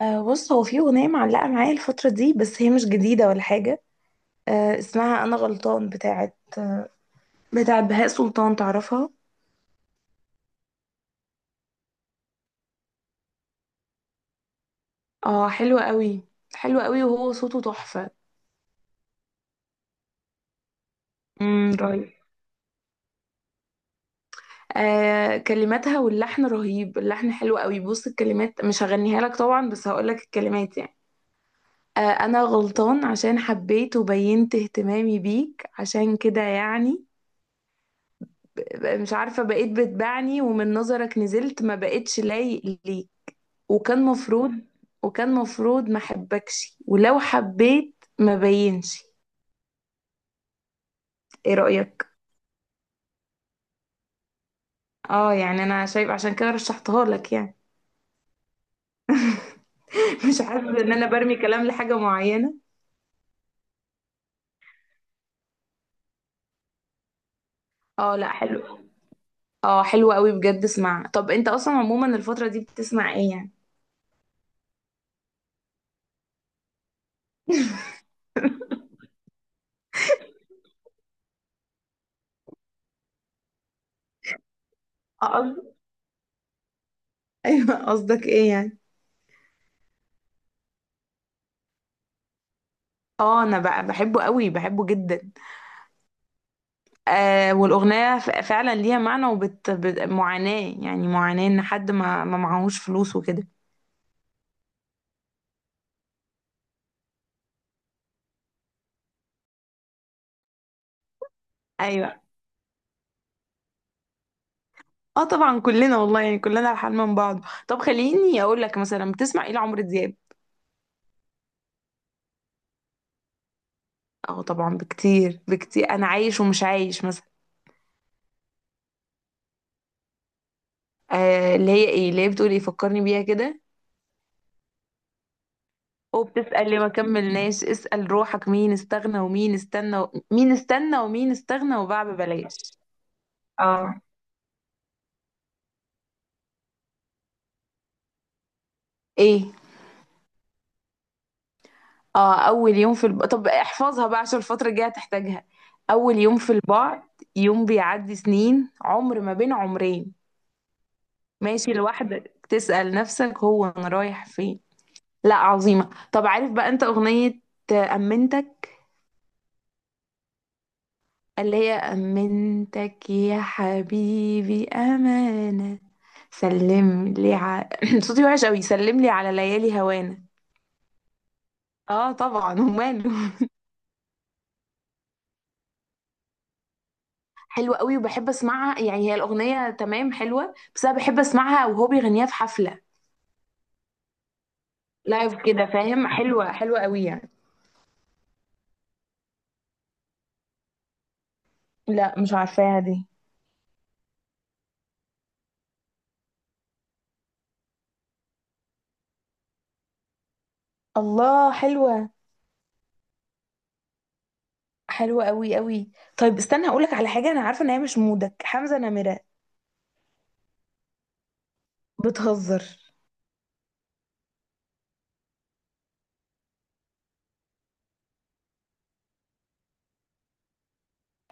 أه، بص هو في أغنية معلقة معايا الفترة دي، بس هي مش جديدة ولا حاجة. أه اسمها أنا غلطان، بتاعت بهاء سلطان، تعرفها؟ اه حلوة قوي. حلوة قوي، وهو صوته تحفة. رهيب. آه كلماتها واللحن رهيب، اللحن حلو قوي. بص الكلمات مش هغنيها لك طبعا، بس هقولك الكلمات يعني. آه انا غلطان عشان حبيت وبينت اهتمامي بيك، عشان كده يعني مش عارفة، بقيت بتبعني ومن نظرك نزلت، ما بقيتش لايق ليك. وكان مفروض وكان مفروض ما احبكش، ولو حبيت ما بينش. ايه رأيك؟ اه يعني انا شايف، عشان كده رشحتها لك يعني. مش حاسه ان انا برمي كلام لحاجه معينه. اه لا حلو. اه حلو قوي بجد. اسمع، طب انت اصلا عموما الفتره دي بتسمع ايه يعني؟ اه ايوه، قصدك ايه يعني؟ اه انا بقى بحبه قوي، بحبه جدا. آه والاغنيه فعلا ليها معنى، معاناه، يعني معاناه ان حد ما معهوش فلوس وكده. ايوه. اه طبعا كلنا والله، يعني كلنا على حال من بعض. طب خليني اقول لك، مثلا بتسمع ايه لعمرو دياب؟ اه طبعا بكتير بكتير، انا عايش ومش عايش مثلا. آه اللي هي ايه، اللي هي بتقول ايه، فكرني بيها كده. وبتسأل ليه ما كملناش، اسأل روحك مين استغنى ومين استنى مين استنى ومين استغنى وباع ببلاش. اه. ايه. اه اول يوم في الب... طب احفظها بقى، عشان الفترة الجاية هتحتاجها. اول يوم في البعد، يوم بيعدي سنين، عمر ما بين عمرين. ماشي لوحدك، تسأل نفسك هو انا رايح فين. لا عظيمة. طب عارف بقى انت اغنية امنتك؟ اللي هي امنتك يا حبيبي امانة، سلم لي صوتي وحش قوي. سلم لي على ليالي هوانا. اه طبعا وماله. حلوة قوي وبحب اسمعها يعني، هي الاغنية تمام حلوة، بس انا بحب اسمعها وهو بيغنيها في حفلة، لايف كده فاهم، حلوة حلوة قوي يعني. لا مش عارفاها دي. الله، حلوة. حلوة قوي قوي. طيب استنى، هقولك على حاجة، أنا عارفة إن هي مش مودك، حمزة نمرة. بتهزر.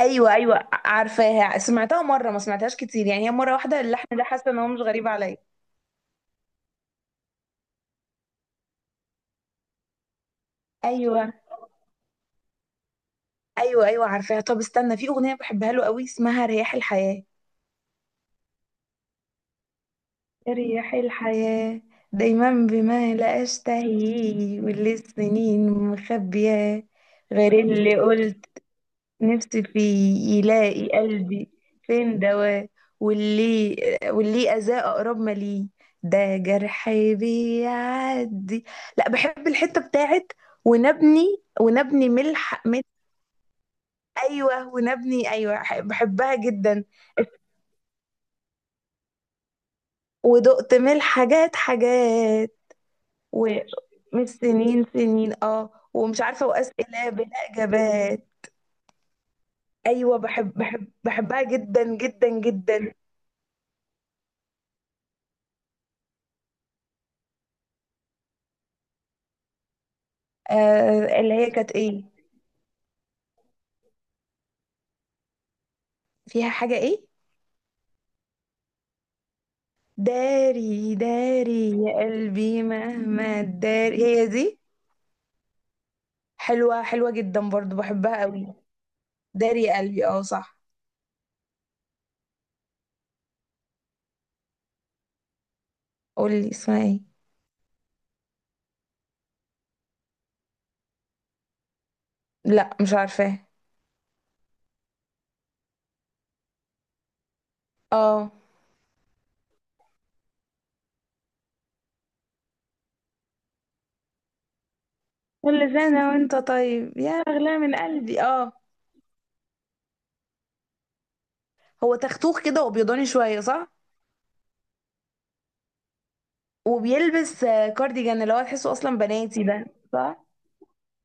أيوة أيوة عارفاها، سمعتها مرة، ما سمعتهاش كتير يعني، هي مرة واحدة، اللحن ده حاسة إن هو مش غريب عليا. أيوة أيوة أيوة عارفاها. طب استنى، في أغنية بحبها له قوي، اسمها رياح الحياة. رياح الحياة، دايما بما لا أشتهي، واللي السنين مخبياه غير اللي قلت نفسي فيه، يلاقي قلبي فين دواه. واللي واللي أذاه أقرب ما ليه. ده جرحي بيعدي. لا، بحب الحتة بتاعت ونبني ونبني ملح ملح. أيوة ونبني. أيوة، بحبها جدا. ودقت ملح حاجات حاجات، ومش سنين سنين. اه ومش عارفة، وأسئلة بلا إجابات. أيوة، بحب بحبها جدا جدا جدا. آه اللي هي كانت إيه؟ فيها حاجة ايه؟ داري، داري يا قلبي مهما داري، هي دي. حلوة، حلوة جدا برضو، بحبها قوي. داري يا قلبي، اه صح. قولي اسمها ايه. لا مش عارفاه. اه كل سنة وانت طيب يا أغلى من قلبي، اه. هو تختوخ كده وابيضاني شوية صح؟ وبيلبس كارديجان اللي هو تحسه اصلا بناتي ده. صح.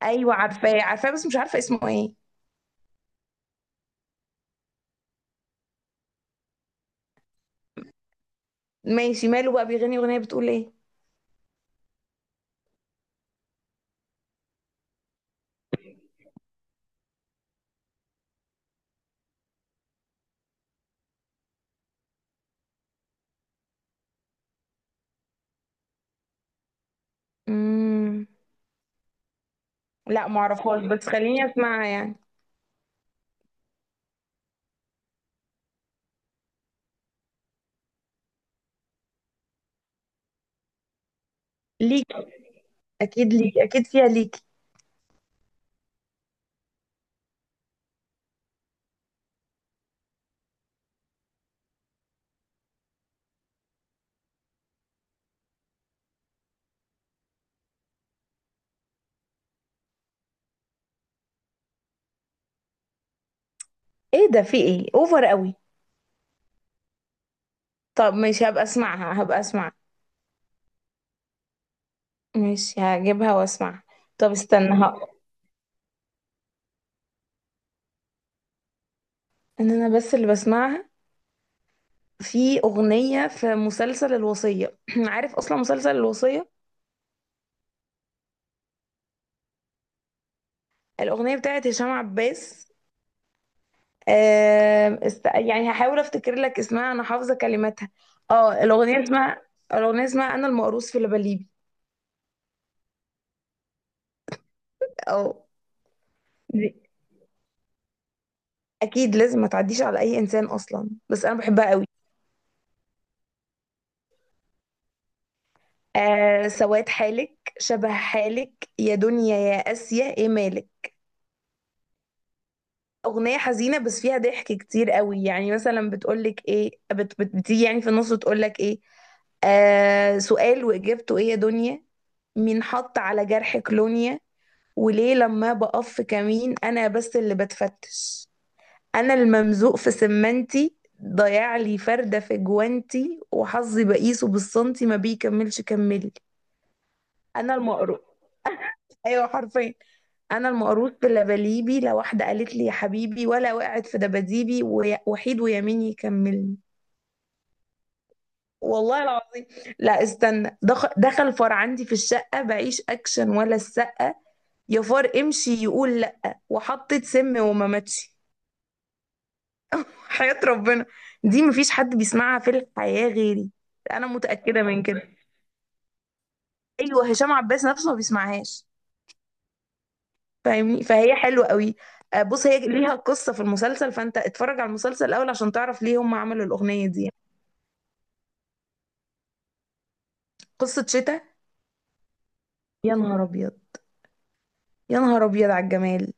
ايوه عارفاه عارفاه، بس مش عارفة اسمه ايه. ماشي، ماله بقى، بيغني اغنية بتقول ايه؟ امم. لا معرفهاش، بس خليني اسمعها يعني. ليك، اكيد ليك، اكيد فيها ليك. ايه ده، في ايه، اوفر قوي. طب ماشي، هبقى اسمعها، هبقى اسمعها. ماشي، هجيبها واسمعها. طب استنى ان انا بس اللي بسمعها. في اغنية في مسلسل الوصية، عارف اصلا مسلسل الوصية؟ الاغنية بتاعت هشام عباس. يعني هحاول افتكر لك اسمها، انا حافظة كلماتها. اه الاغنية اسمها، الاغنية اسمها انا المقروص في لبليبي. اه. اكيد، لازم ما تعديش على اي انسان اصلا، بس انا بحبها قوي. آه سواد حالك شبه حالك، يا دنيا يا اسيا ايه مالك؟ اغنيه حزينه بس فيها ضحك كتير قوي يعني، مثلا بتقولك ايه، بت بت بتيجي يعني في النص تقولك ايه. آه سؤال واجابته ايه يا دنيا، مين حط على جرحك لونيا، وليه لما بقف في كمين انا بس اللي بتفتش. انا الممزوق في سمنتي، ضيع لي فردة في جوانتي، وحظي بقيسه بالسنتي، ما بيكملش كملي. انا المقروض. ايوه حرفيا. انا المقروض في لبليبي، لو واحدة قالت لي يا حبيبي، ولا وقعت في دباديبي، وحيد ويمين يكملني. والله العظيم. لا استنى، دخل فار عندي في الشقة، بعيش اكشن ولا السقة. يا فار امشي، يقول لأ. وحطت سم وما ماتش. حياة ربنا. دي مفيش حد بيسمعها في الحياة غيري. انا متأكدة من كده. ايوه، هشام عباس نفسه ما بيسمعهاش فاهمني، فهي حلوة قوي. آه، بص هي ليها قصة في المسلسل، فانت اتفرج على المسلسل الاول عشان تعرف ليه هم عملوا الأغنية دي. قصة شتاء. يا نهار ابيض، يا نهار ابيض على الجمال.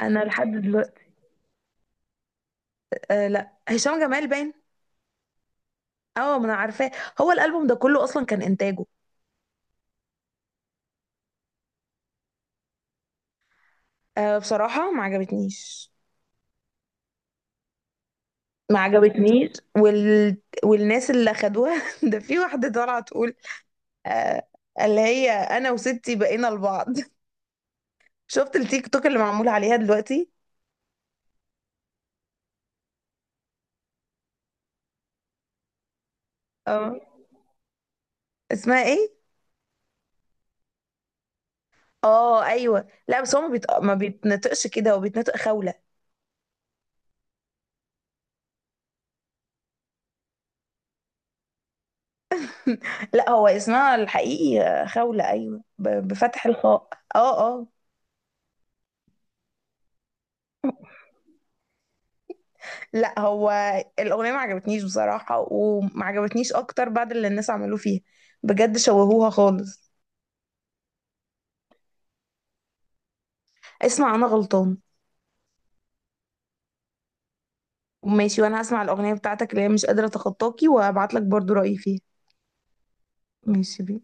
انا لحد دلوقتي. آه لا، هشام جمال باين. اه ما انا عارفاه، هو الالبوم ده كله اصلا كان انتاجه. آه بصراحة ما عجبتنيش. ما عجبتنيش وال... والناس اللي اخدوها. ده في واحده طالعه تقول آه، اللي هي انا وستي بقينا لبعض. شفت التيك توك اللي معمول عليها دلوقتي؟ اه. اسمها ايه؟ اه ايوه، لا بس هو ما بيتنطقش كده، هو بيتنطق خوله. لا هو اسمها الحقيقي خوله، ايوه، بفتح الخاء. اه اه. لا هو الاغنيه ما عجبتنيش بصراحه، وما عجبتنيش اكتر بعد اللي الناس عملوه فيها، بجد شوهوها خالص. اسمع انا غلطان. ماشي، وانا هسمع الاغنيه بتاعتك اللي هي مش قادره اتخطاكي، وهبعت لك برضو رايي فيها. ماشي بي